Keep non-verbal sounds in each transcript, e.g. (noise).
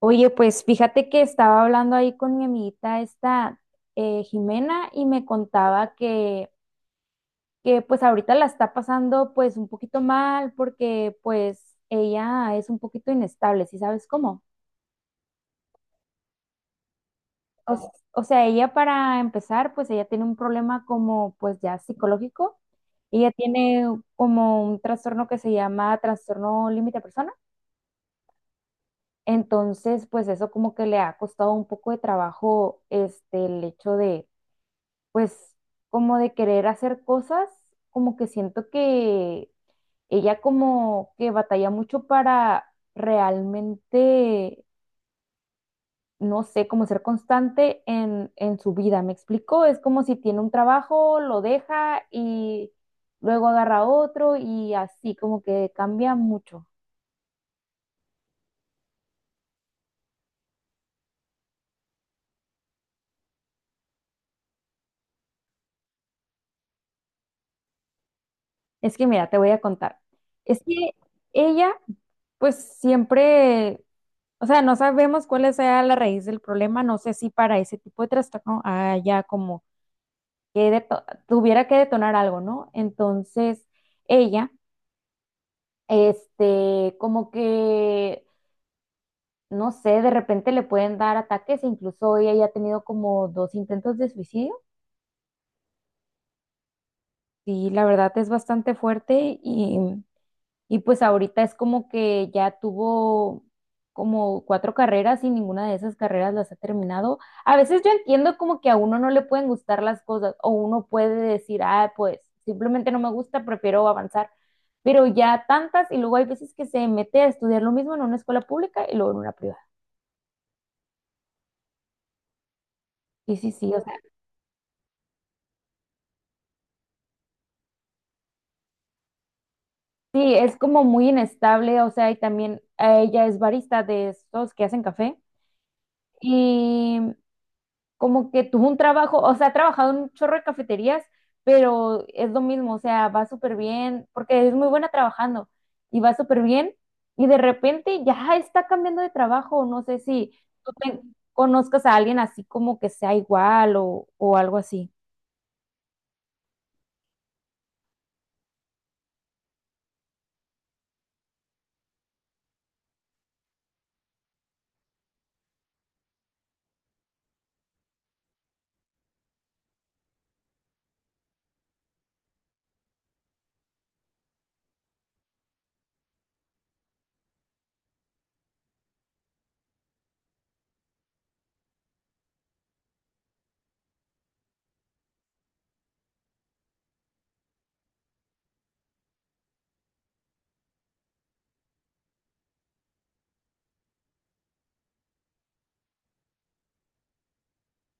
Oye, pues fíjate que estaba hablando ahí con mi amiguita esta Jimena y me contaba que pues ahorita la está pasando pues un poquito mal porque pues ella es un poquito inestable, ¿sí sabes cómo? O, s- o sea, ella para empezar pues ella tiene un problema como pues ya psicológico, ella tiene como un trastorno que se llama trastorno límite de persona. Entonces, pues eso como que le ha costado un poco de trabajo, este, el hecho de, pues como de querer hacer cosas, como que siento que ella como que batalla mucho para realmente, no sé, como ser constante en su vida. ¿Me explico? Es como si tiene un trabajo, lo deja y luego agarra otro y así como que cambia mucho. Es que mira, te voy a contar. Es que ella pues siempre. O sea, no sabemos cuál sea la raíz del problema. No sé si para ese tipo de trastorno haya como que tuviera que detonar algo, ¿no? Entonces, ella, este, como que, no sé, de repente le pueden dar ataques. Incluso ella ya ha tenido como dos intentos de suicidio. Sí, la verdad es bastante fuerte. Y pues ahorita es como que ya tuvo como cuatro carreras y ninguna de esas carreras las ha terminado. A veces yo entiendo como que a uno no le pueden gustar las cosas o uno puede decir, ah, pues simplemente no me gusta, prefiero avanzar. Pero ya tantas, y luego hay veces que se mete a estudiar lo mismo en una escuela pública y luego en una privada. Sí, sí, sí, o sea, sí, es como muy inestable, o sea, y también ella es barista de estos que hacen café y como que tuvo un trabajo, o sea, ha trabajado en un chorro de cafeterías, pero es lo mismo, o sea, va súper bien, porque es muy buena trabajando y va súper bien, y de repente ya está cambiando de trabajo, no sé si tú te- conozcas a alguien así como que sea igual o algo así.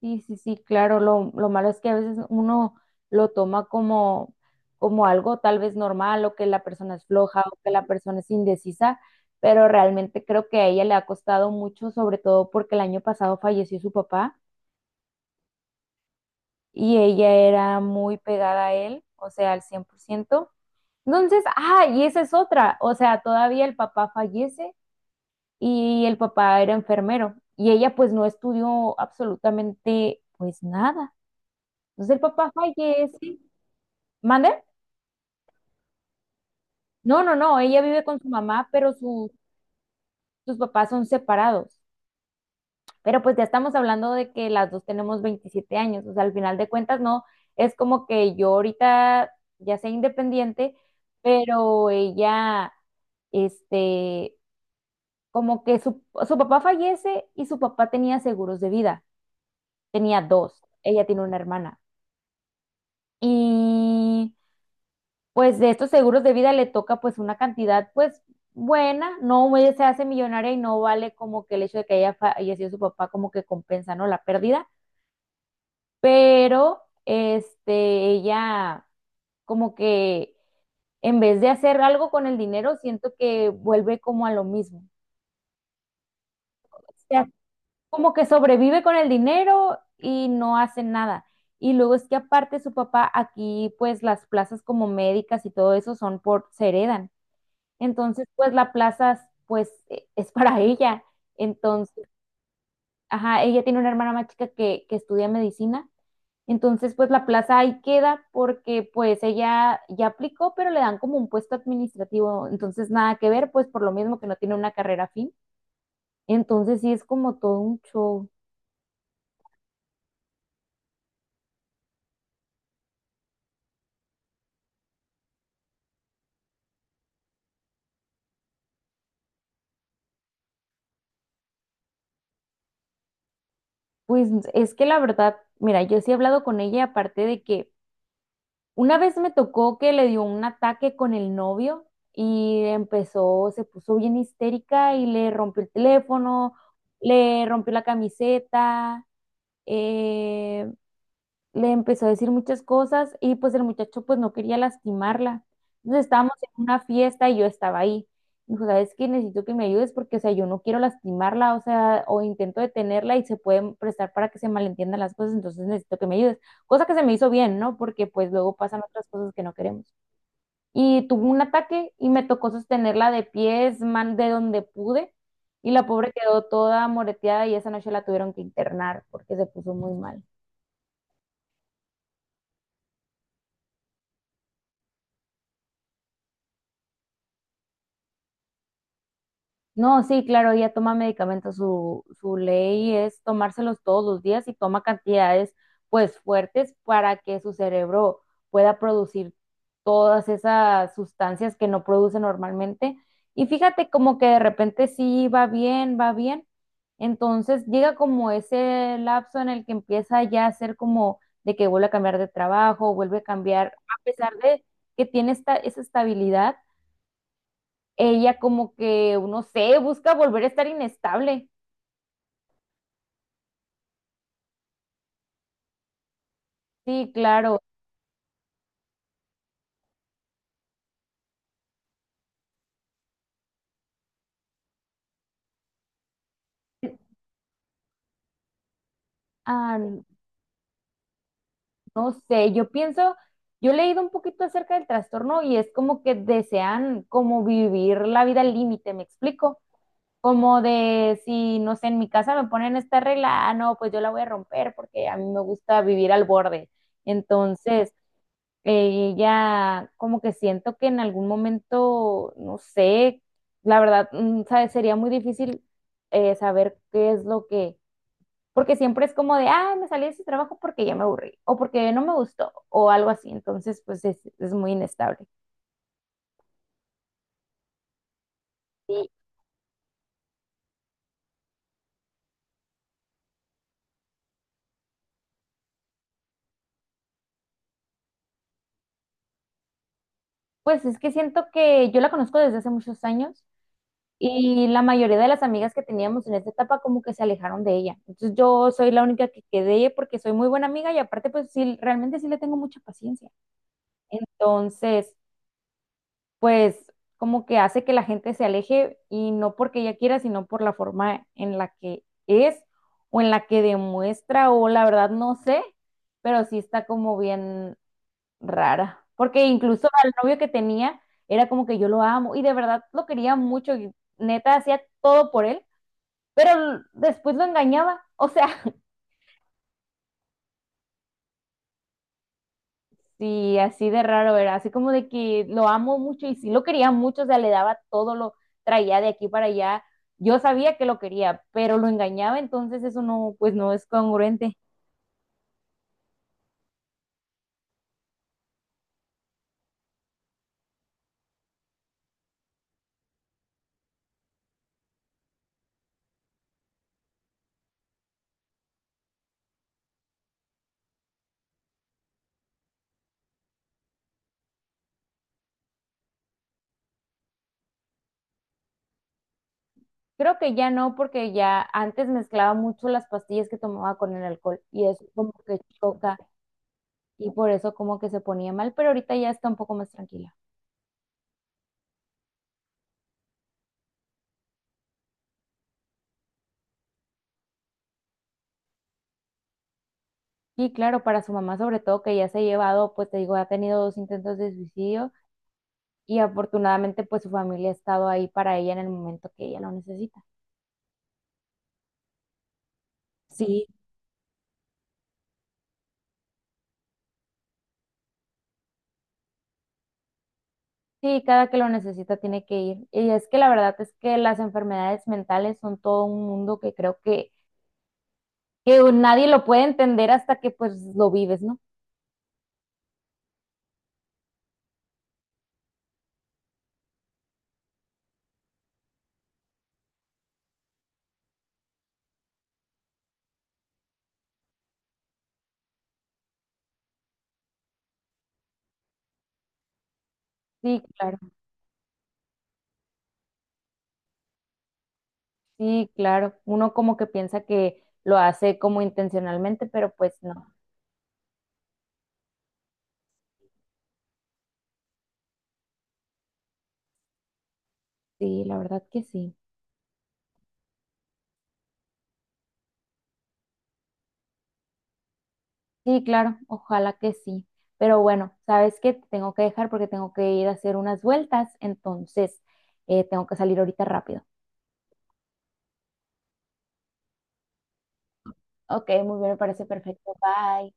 Sí, sí, sí, claro, lo malo es que a veces uno lo toma como, como algo tal vez normal o que la persona es floja o que la persona es indecisa, pero realmente creo que a ella le ha costado mucho, sobre todo porque el año pasado falleció su papá y ella era muy pegada a él, o sea, al 100%. Entonces, ah, y esa es otra, o sea, todavía el papá fallece y el papá era enfermero y ella pues no estudió absolutamente pues nada. Entonces el papá fallece. ¿Mande? No, no, no, ella vive con su mamá, pero sus papás son separados. Pero pues ya estamos hablando de que las dos tenemos 27 años, o sea, al final de cuentas no, es como que yo ahorita ya sea independiente, pero ella, este, como que su papá fallece y su papá tenía seguros de vida, tenía dos, ella tiene una hermana. Y pues de estos seguros de vida le toca pues una cantidad pues buena, no ella se hace millonaria y no vale, como que el hecho de que haya fallecido su papá como que compensa, ¿no? La pérdida, pero este, ella como que en vez de hacer algo con el dinero, siento que vuelve como a lo mismo. O sea, como que sobrevive con el dinero y no hace nada. Y luego es que aparte su papá aquí, pues las plazas como médicas y todo eso son por, se heredan. Entonces, pues la plaza, pues es para (laughs) ella. Entonces, ajá, ella tiene una hermana más chica que estudia medicina. Entonces, pues la plaza ahí queda porque pues ella ya aplicó, pero le dan como un puesto administrativo. Entonces, nada que ver, pues por lo mismo que no tiene una carrera fin. Entonces, sí es como todo un show. Pues es que la verdad, mira, yo sí he hablado con ella, aparte de que una vez me tocó que le dio un ataque con el novio y empezó, se puso bien histérica y le rompió el teléfono, le rompió la camiseta, eh, le empezó a decir muchas cosas y pues el muchacho pues no quería lastimarla. Entonces estábamos en una fiesta y yo estaba ahí. Me dijo, ¿sabes qué? Necesito que me ayudes porque, o sea, yo no quiero lastimarla, o sea, o intento detenerla y se pueden prestar para que se malentiendan las cosas, entonces necesito que me ayudes. Cosa que se me hizo bien, ¿no? Porque pues luego pasan otras cosas que no queremos. Y tuvo un ataque y me tocó sostenerla de pies, man, de donde pude. Y la pobre quedó toda moreteada y esa noche la tuvieron que internar porque se puso muy mal. No, sí, claro, ella toma medicamentos, su ley es tomárselos todos los días y toma cantidades pues fuertes para que su cerebro pueda producir todas esas sustancias que no produce normalmente. Y fíjate como que de repente sí va bien, va bien. Entonces llega como ese lapso en el que empieza ya a ser como de que vuelve a cambiar de trabajo, vuelve a cambiar, a pesar de que tiene esta, esa estabilidad. Ella como que, no sé, busca volver a estar inestable. Sí, claro. Ah, no sé, yo pienso, yo he leído un poquito acerca del trastorno y es como que desean como vivir la vida al límite, ¿me explico? Como de si, no sé, en mi casa me ponen esta regla, ah, no, pues yo la voy a romper porque a mí me gusta vivir al borde. Entonces, ella, como que siento que en algún momento, no sé, la verdad, ¿sabes? Sería muy difícil saber qué es lo que, porque siempre es como de, ah, me salí de ese trabajo porque ya me aburrí, o porque no me gustó, o algo así, entonces, pues es muy inestable. Y pues es que siento que yo la conozco desde hace muchos años y la mayoría de las amigas que teníamos en esta etapa como que se alejaron de ella. Entonces yo soy la única que quedé, porque soy muy buena amiga y aparte pues sí, realmente sí le tengo mucha paciencia. Entonces, pues como que hace que la gente se aleje, y no porque ella quiera, sino por la forma en la que es o en la que demuestra o la verdad no sé, pero sí está como bien rara. Porque incluso al novio que tenía era como que yo lo amo y de verdad lo quería mucho y neta hacía todo por él, pero después lo engañaba. O sea, sí, así de raro era, así como de que lo amo mucho y sí lo quería mucho, o sea, le daba todo, lo traía de aquí para allá. Yo sabía que lo quería, pero lo engañaba, entonces eso no, pues no es congruente. Creo que ya no, porque ya antes mezclaba mucho las pastillas que tomaba con el alcohol y eso como que choca y por eso como que se ponía mal, pero ahorita ya está un poco más tranquila. Y claro, para su mamá sobre todo, que ya se ha llevado, pues te digo, ha tenido dos intentos de suicidio y afortunadamente pues su familia ha estado ahí para ella en el momento que ella lo necesita. Sí, sí, cada que lo necesita tiene que ir. Y es que la verdad es que las enfermedades mentales son todo un mundo, que creo que nadie lo puede entender hasta que pues lo vives, ¿no? Sí, claro, sí, claro. Uno como que piensa que lo hace como intencionalmente, pero pues no. Sí, la verdad que sí. Sí, claro, ojalá que sí. Pero bueno, sabes que tengo que dejar porque tengo que ir a hacer unas vueltas, entonces tengo que salir ahorita rápido. Ok, muy bien, me parece perfecto. Bye.